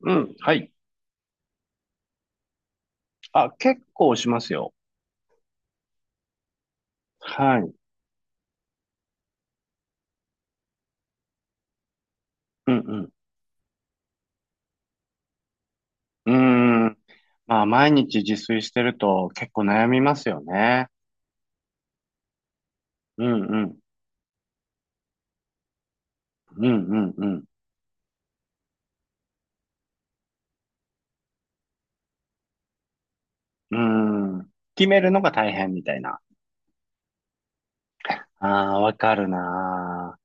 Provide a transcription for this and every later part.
うん、はい。あ、結構しますよ。はい。うんうん。うーん。まあ、毎日自炊してると結構悩みますよね。うんうん。うんうんうん。うーん。決めるのが大変みたいな。ああ、わかるな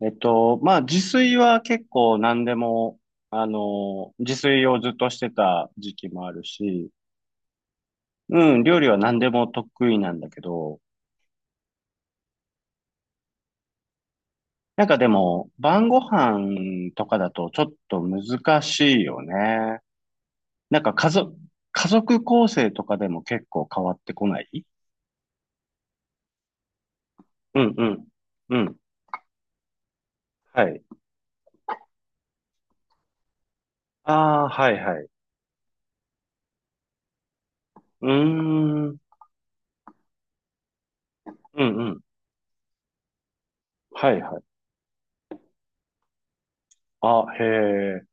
ー。まあ、自炊は結構何でも、自炊をずっとしてた時期もあるし、うん、料理は何でも得意なんだけど、なんかでも、晩ご飯とかだとちょっと難しいよね。なんか家族、家族構成とかでも結構変わってこない。うんうん。うん。はい。ああ、はいはい。うーん。うんうん。はいはい。あ、へえ。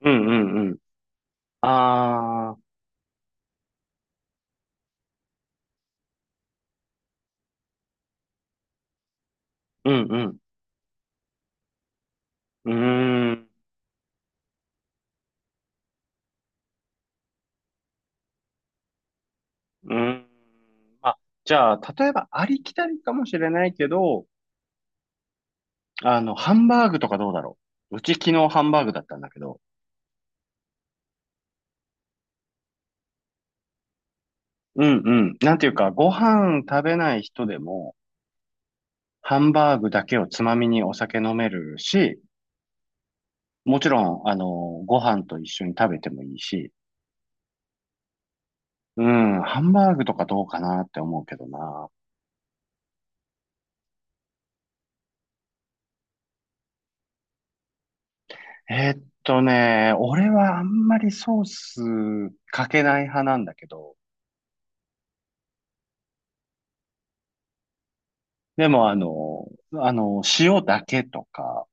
うんうんうん。ああ、うんうん。うーん。うーん。まあ、じゃあ、例えばありきたりかもしれないけど、ハンバーグとかどうだろう。うち昨日ハンバーグだったんだけど、うんうん。なんていうか、ご飯食べない人でも、ハンバーグだけをつまみにお酒飲めるし、もちろん、ご飯と一緒に食べてもいいし、うん、ハンバーグとかどうかなって思うけどな。俺はあんまりソースかけない派なんだけど、でも塩だけとか、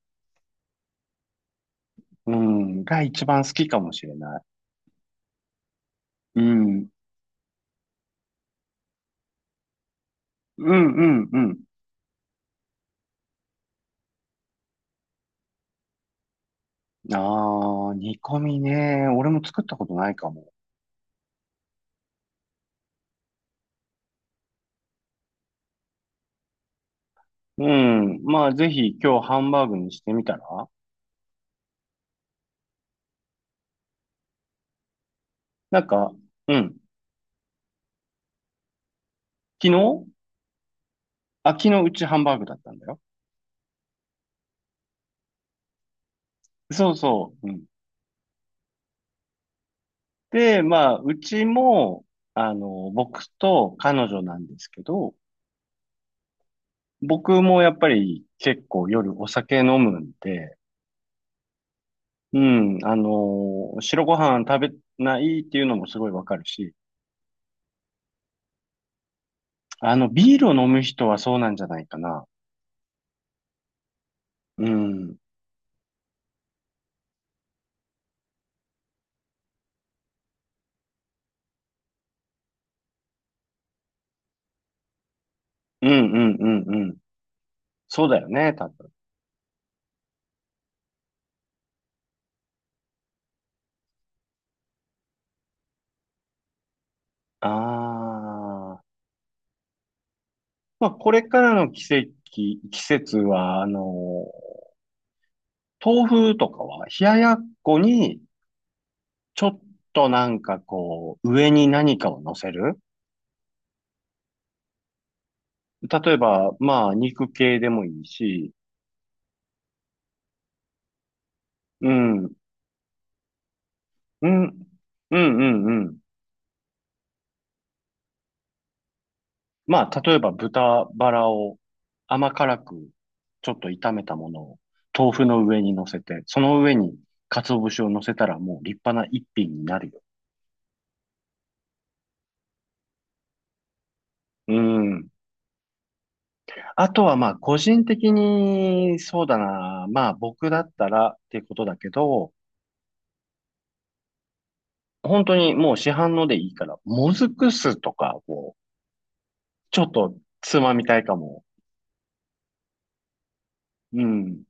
うん、が一番好きかもしれない。うん、うん、うん、うん。ああ、煮込みね。俺も作ったことないかも。うん。まあ、ぜひ今日ハンバーグにしてみたらなんか、うん。昨日あ、昨日うちハンバーグだったんだよ。そうそう。うん。で、まあ、うちも、僕と彼女なんですけど、僕もやっぱり結構夜お酒飲むんで、うん。白ご飯食べないっていうのもすごいわかるし、ビールを飲む人はそうなんじゃないかな。うん。うんうんうんうん。そうだよね、多分。ああ。まあ、これからの季節は、豆腐とかは冷ややっこにちょっと上に何かを乗せる。例えば、まあ、肉系でもいいし、うん、うん、うん、うん、うん。まあ、例えば豚バラを甘辛くちょっと炒めたものを豆腐の上に乗せて、その上に鰹節を乗せたらもう立派な一品になるよ。うん。あとはまあ、個人的に、そうだな、まあ僕だったらっていうことだけど、本当にもう市販のでいいから、もずく酢とかを、ちょっとつまみたいかも。うん。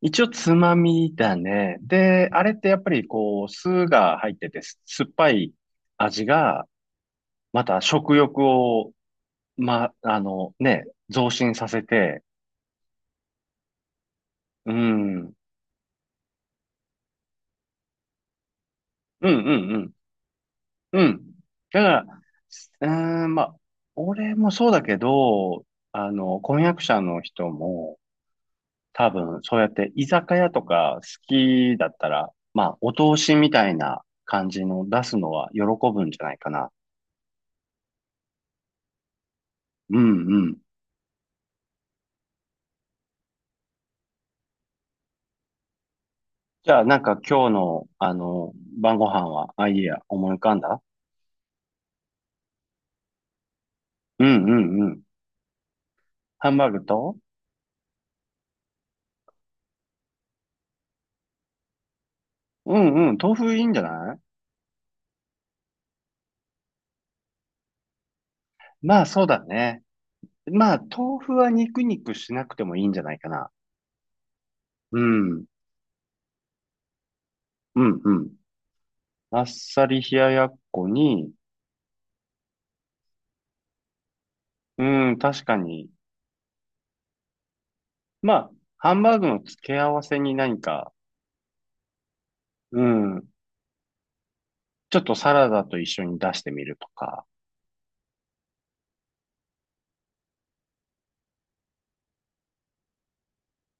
一応つまみだね。で、あれってやっぱりこう、酢が入ってて、酸っぱい味が、また食欲を、ま、あのね、増進させて、うん、うんうんうん。うん。だから、すうーん、まあ、俺もそうだけど、婚約者の人も、多分、そうやって居酒屋とか好きだったら、まあ、お通しみたいな感じの出すのは喜ぶんじゃないかな。うんうん。じゃあ、今日の、晩ご飯は、あ、いいや、思い浮かんだ。うんうんうん。ハンバーグと、うんうん、豆腐いいんじゃない。まあ、そうだね。まあ、豆腐は肉肉しなくてもいいんじゃないかな。うん。うんうん。あっさり冷ややっこに、うん、確かに。まあ、ハンバーグの付け合わせに何か、うん、ちょっとサラダと一緒に出してみるとか。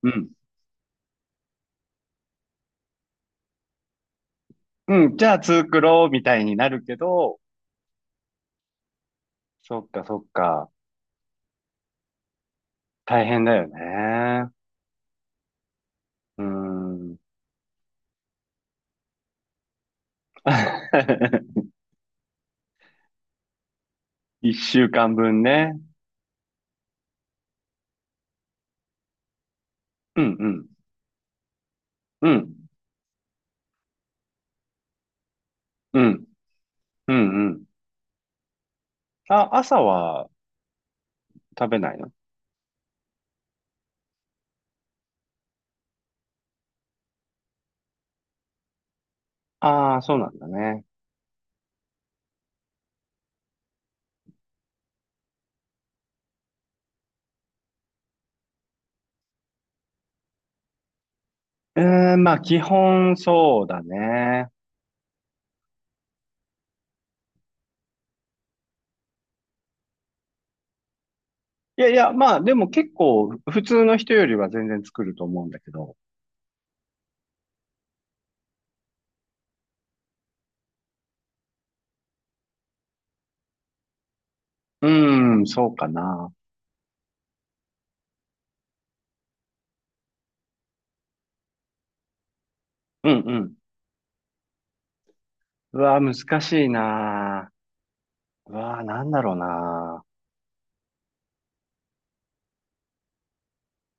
うん。うん、じゃあ作ろうみたいになるけど、そっかそっか。大変だよね。うん。一週間分ね。うんうん。うん。うん。うんうん。あ、朝は食べないの。ああー、そうなんだね。うーん、まあ、基本そうだね。いやいや、まあ、でも結構、普通の人よりは全然作ると思うんだけど。うーん、そうかな。うんうん。うわー、難しいなー。うわー、なんだろうな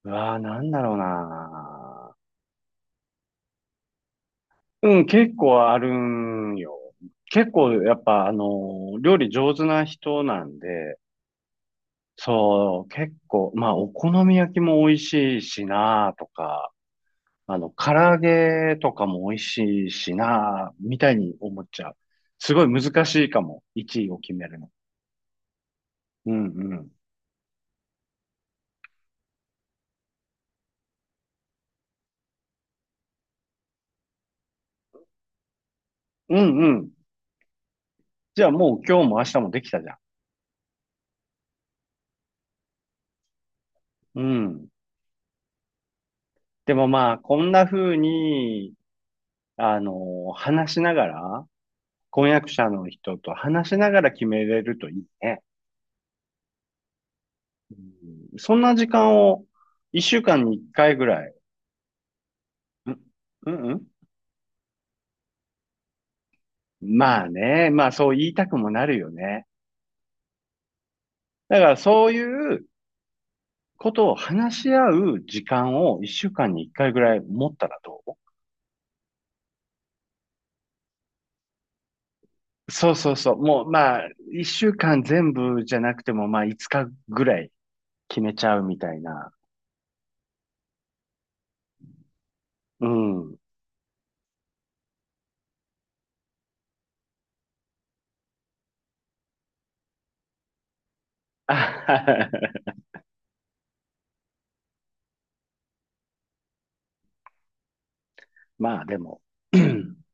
ー。うわー、なんだろうなー。うん、結構あるんよ。結構、やっぱ、料理上手な人なんで、そう、結構、まあ、お好み焼きも美味しいしな、とか。唐揚げとかも美味しいしな、みたいに思っちゃう。すごい難しいかも。1位を決めるの。うんうん。うんうん。じゃあもう今日も明日もできたじゃん。うん。でもまあ、こんな風に、話しながら、婚約者の人と話しながら決めれるといいね。うん、そんな時間を1週間に1回ぐらい。んうんうん。まあね、まあそう言いたくもなるよね。だからそういうことを話し合う時間を一週間に一回ぐらい持ったらどう。そうそうそう。もうまあ、一週間全部じゃなくてもまあ、五日ぐらい決めちゃうみたいな。うん。あ まあでも。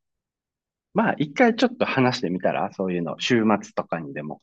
まあ、一回ちょっと話してみたら、そういうの、週末とかにでも。